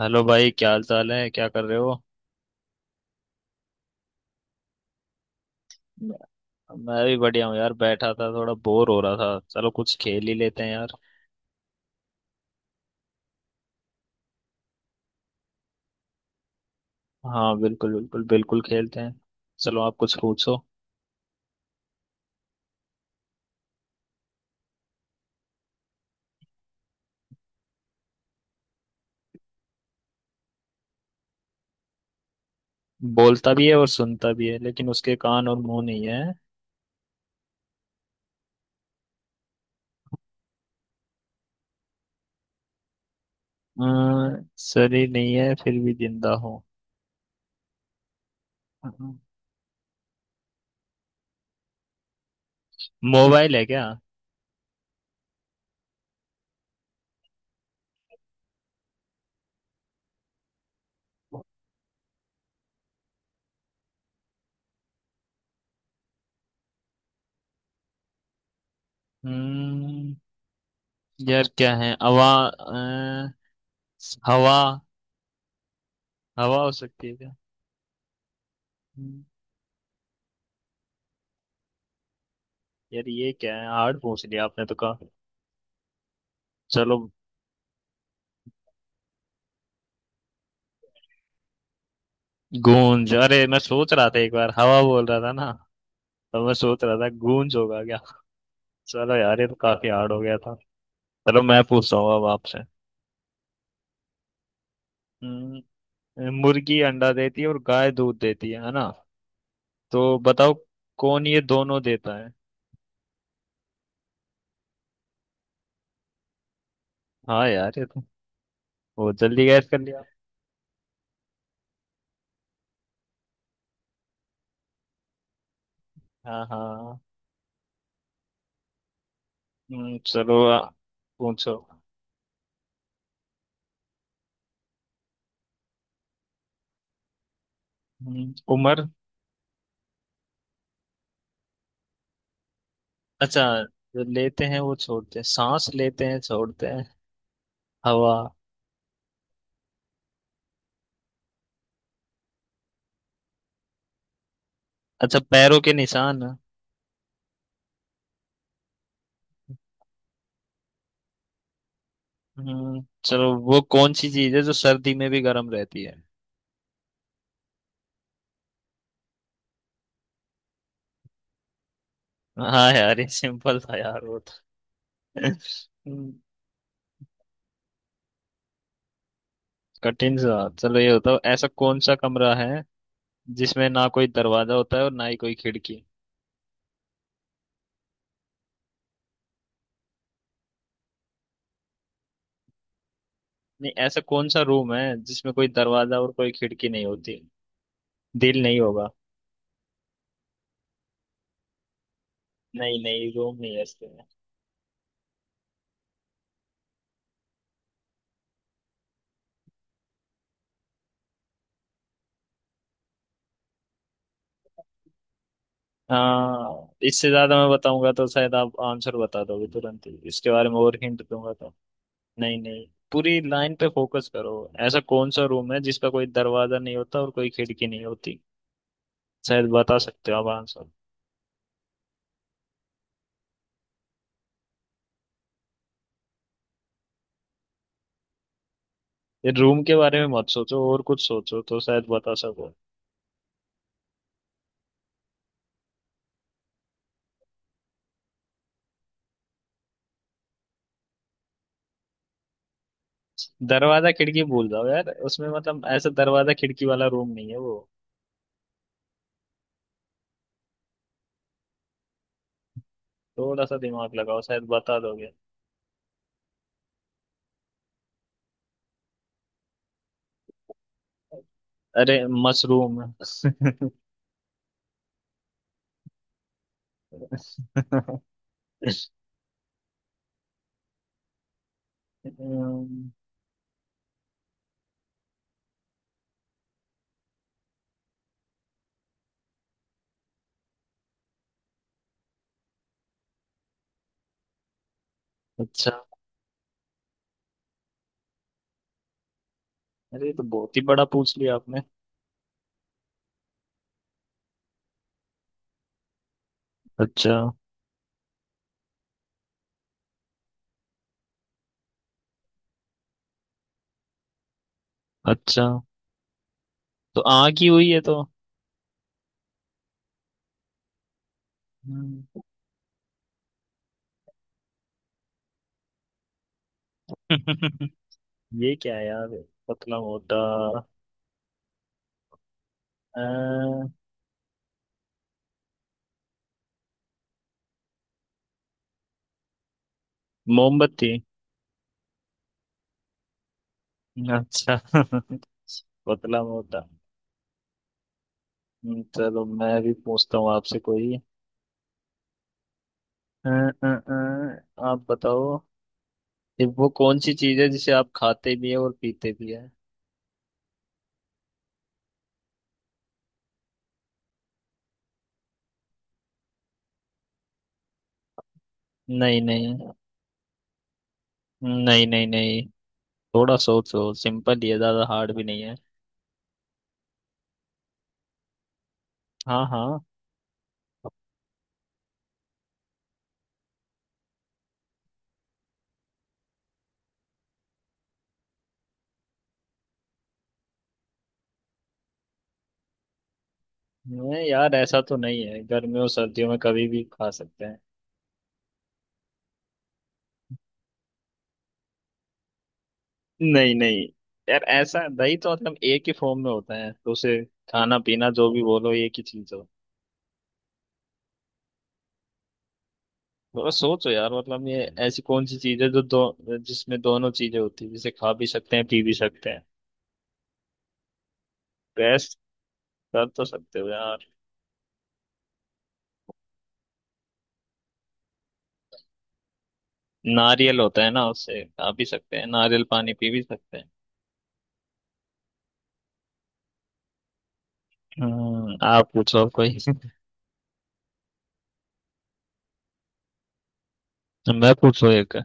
Hello भाई, क्या हाल चाल है? क्या कर रहे हो? मैं मैं भी बढ़िया हूँ यार। बैठा था, थोड़ा बोर हो रहा था। चलो कुछ खेल ही लेते हैं यार। हाँ बिल्कुल बिल्कुल बिल्कुल, खेलते हैं। चलो, आप कुछ पूछो। बोलता भी है और सुनता भी है, लेकिन उसके कान और मुंह नहीं है। शरीर नहीं है फिर भी जिंदा हो? मोबाइल है क्या? हम्म यार, क्या है? हवा अ, हवा हवा हो सकती है क्या? हम्म, यार, ये क्या है? हार्ड पूछ लिया आपने, तो कहा। चलो। गूंज? अरे, मैं सोच रहा था एक बार हवा बोल रहा था ना, तो मैं सोच रहा था गूंज होगा क्या। चलो यार, ये तो काफी हार्ड हो गया था। चलो मैं पूछता हूँ अब आपसे। हम्म, मुर्गी अंडा देती है और गाय दूध देती है ना? तो बताओ, कौन ये दोनों देता है? हाँ यार, ये तो बहुत जल्दी गैस कर लिया। हाँ हाँ। हम्म, चलो आ, पूछो। उम्र। अच्छा। जो लेते हैं वो छोड़ते हैं, सांस लेते हैं छोड़ते हैं। हवा। अच्छा, पैरों के निशान। चलो, वो कौन सी चीज है जो सर्दी में भी गर्म रहती है? हाँ यार, ये सिंपल था यार वो तो। हम्म, कठिन सा चलो, ये बताओ, ऐसा कौन सा कमरा है जिसमें ना कोई दरवाजा होता है और ना ही कोई खिड़की? नहीं, ऐसा कौन सा रूम है जिसमें कोई दरवाजा और कोई खिड़की नहीं होती? दिल नहीं होगा। नहीं नहीं, रूम नहीं है इसके में। हाँ, इससे ज्यादा मैं बताऊंगा तो शायद आप आंसर बता दोगे तुरंत ही। इसके बारे में और हिंट दूंगा। नहीं नहीं, पूरी लाइन पे फोकस करो। ऐसा कौन सा रूम है जिसका कोई दरवाजा नहीं होता और कोई खिड़की नहीं होती? शायद बता सकते हो आप आंसर। ये रूम के बारे में मत सोचो और कुछ सोचो तो शायद बता सको। दरवाजा खिड़की भूल जाओ यार, उसमें मतलब ऐसा दरवाजा खिड़की वाला रूम नहीं है वो। थोड़ा सा दिमाग लगाओ, शायद बता दोगे। अरे, मशरूम। अम्म, अच्छा। अरे, ये तो बहुत ही बड़ा पूछ लिया आपने। अच्छा। अच्छा, तो आँख ही हुई है तो। हम्म। ये क्या है यार? पतला मोटा। अ, मोमबत्ती। अच्छा। पतला मोटा। चलो, मैं भी पूछता हूँ आपसे कोई। आप बताओ, ये वो कौन सी चीज है जिसे आप खाते भी है और पीते भी है? नहीं नहीं। नहीं नहीं नहीं, थोड़ा सोचो, सिंपल ही है, ज्यादा हार्ड भी नहीं है। हाँ हाँ। नहीं यार, ऐसा तो नहीं है, गर्मियों सर्दियों में कभी भी खा सकते हैं। नहीं नहीं। यार ऐसा दही तो मतलब एक ही फॉर्म में होता है, तो उसे खाना पीना जो भी बोलो, एक ही चीज हो। थोड़ा सोचो यार, मतलब ये ऐसी कौन सी चीज है जो दो, जिसमें दोनों चीजें होती है, जिसे खा भी सकते हैं पी भी सकते हैं? बेस्ट कर तो सकते हो यार। नारियल होता है ना, उससे खा भी सकते हैं, नारियल पानी पी भी सकते हैं। आप पूछो आप कोई। मैं पूछो एक।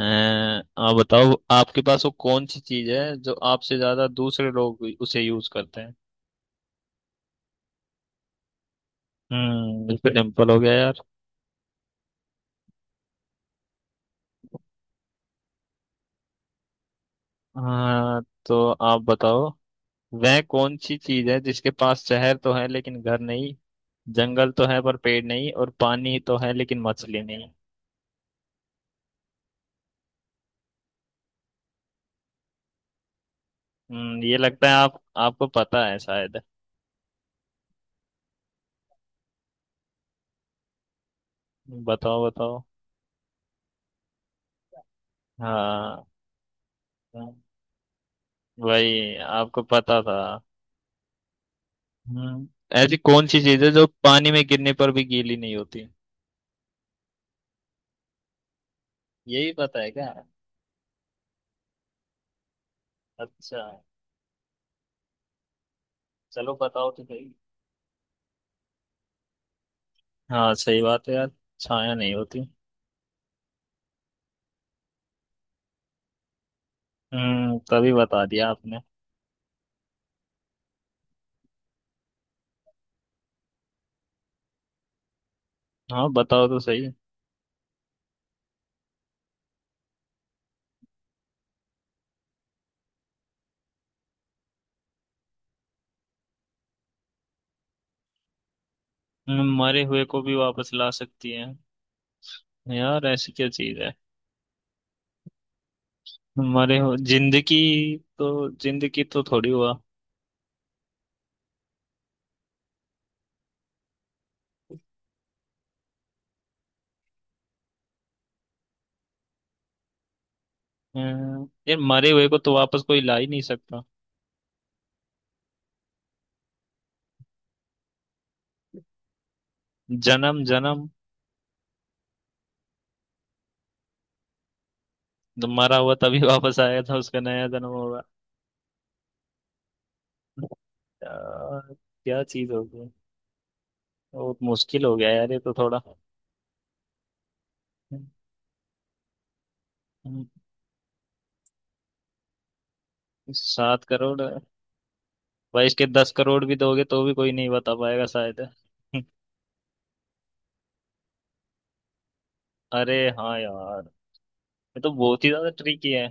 आप बताओ, आपके पास वो कौन सी चीज है जो आपसे ज्यादा दूसरे लोग उसे यूज करते हैं? इस पे टेम्पल हो गया यार। हाँ तो आप बताओ, वह कौन सी चीज है जिसके पास शहर तो है लेकिन घर नहीं, जंगल तो है पर पेड़ नहीं, और पानी तो है लेकिन मछली नहीं? ये लगता है आप, आपको पता है शायद। बताओ बताओ। हाँ, वही आपको पता था। हम्म ऐसी कौन सी चीज है जो पानी में गिरने पर भी गीली नहीं होती? यही पता है क्या? अच्छा। चलो बताओ तो सही। हाँ, सही बात है यार। छाया नहीं होती। तभी बता दिया आपने। हाँ, बताओ तो सही। मरे हुए को भी वापस ला सकती है? यार, ऐसी क्या चीज है? मरे हुए, जिंदगी? तो जिंदगी तो थोड़ी हुआ। यार, मरे हुए को तो वापस कोई ला ही नहीं सकता। जन्म जन्म? तो मरा हुआ तभी वापस आया था, उसका नया जन्म होगा। यार, क्या चीज होगी? बहुत मुश्किल हो गया यार, ये तो थोड़ा। अम, 7 करोड़ भाई? इसके 10 करोड़ भी दोगे तो भी कोई नहीं बता पाएगा शायद। अरे हाँ यार, ये तो बहुत ही ज्यादा ट्रिकी है।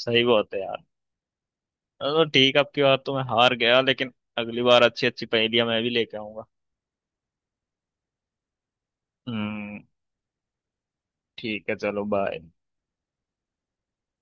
सही बात है यार। तो ठीक है, अब की बार तो मैं हार गया, लेकिन अगली बार अच्छी अच्छी पहेलियां मैं भी लेके आऊंगा। हम्म ठीक है, चलो बाय।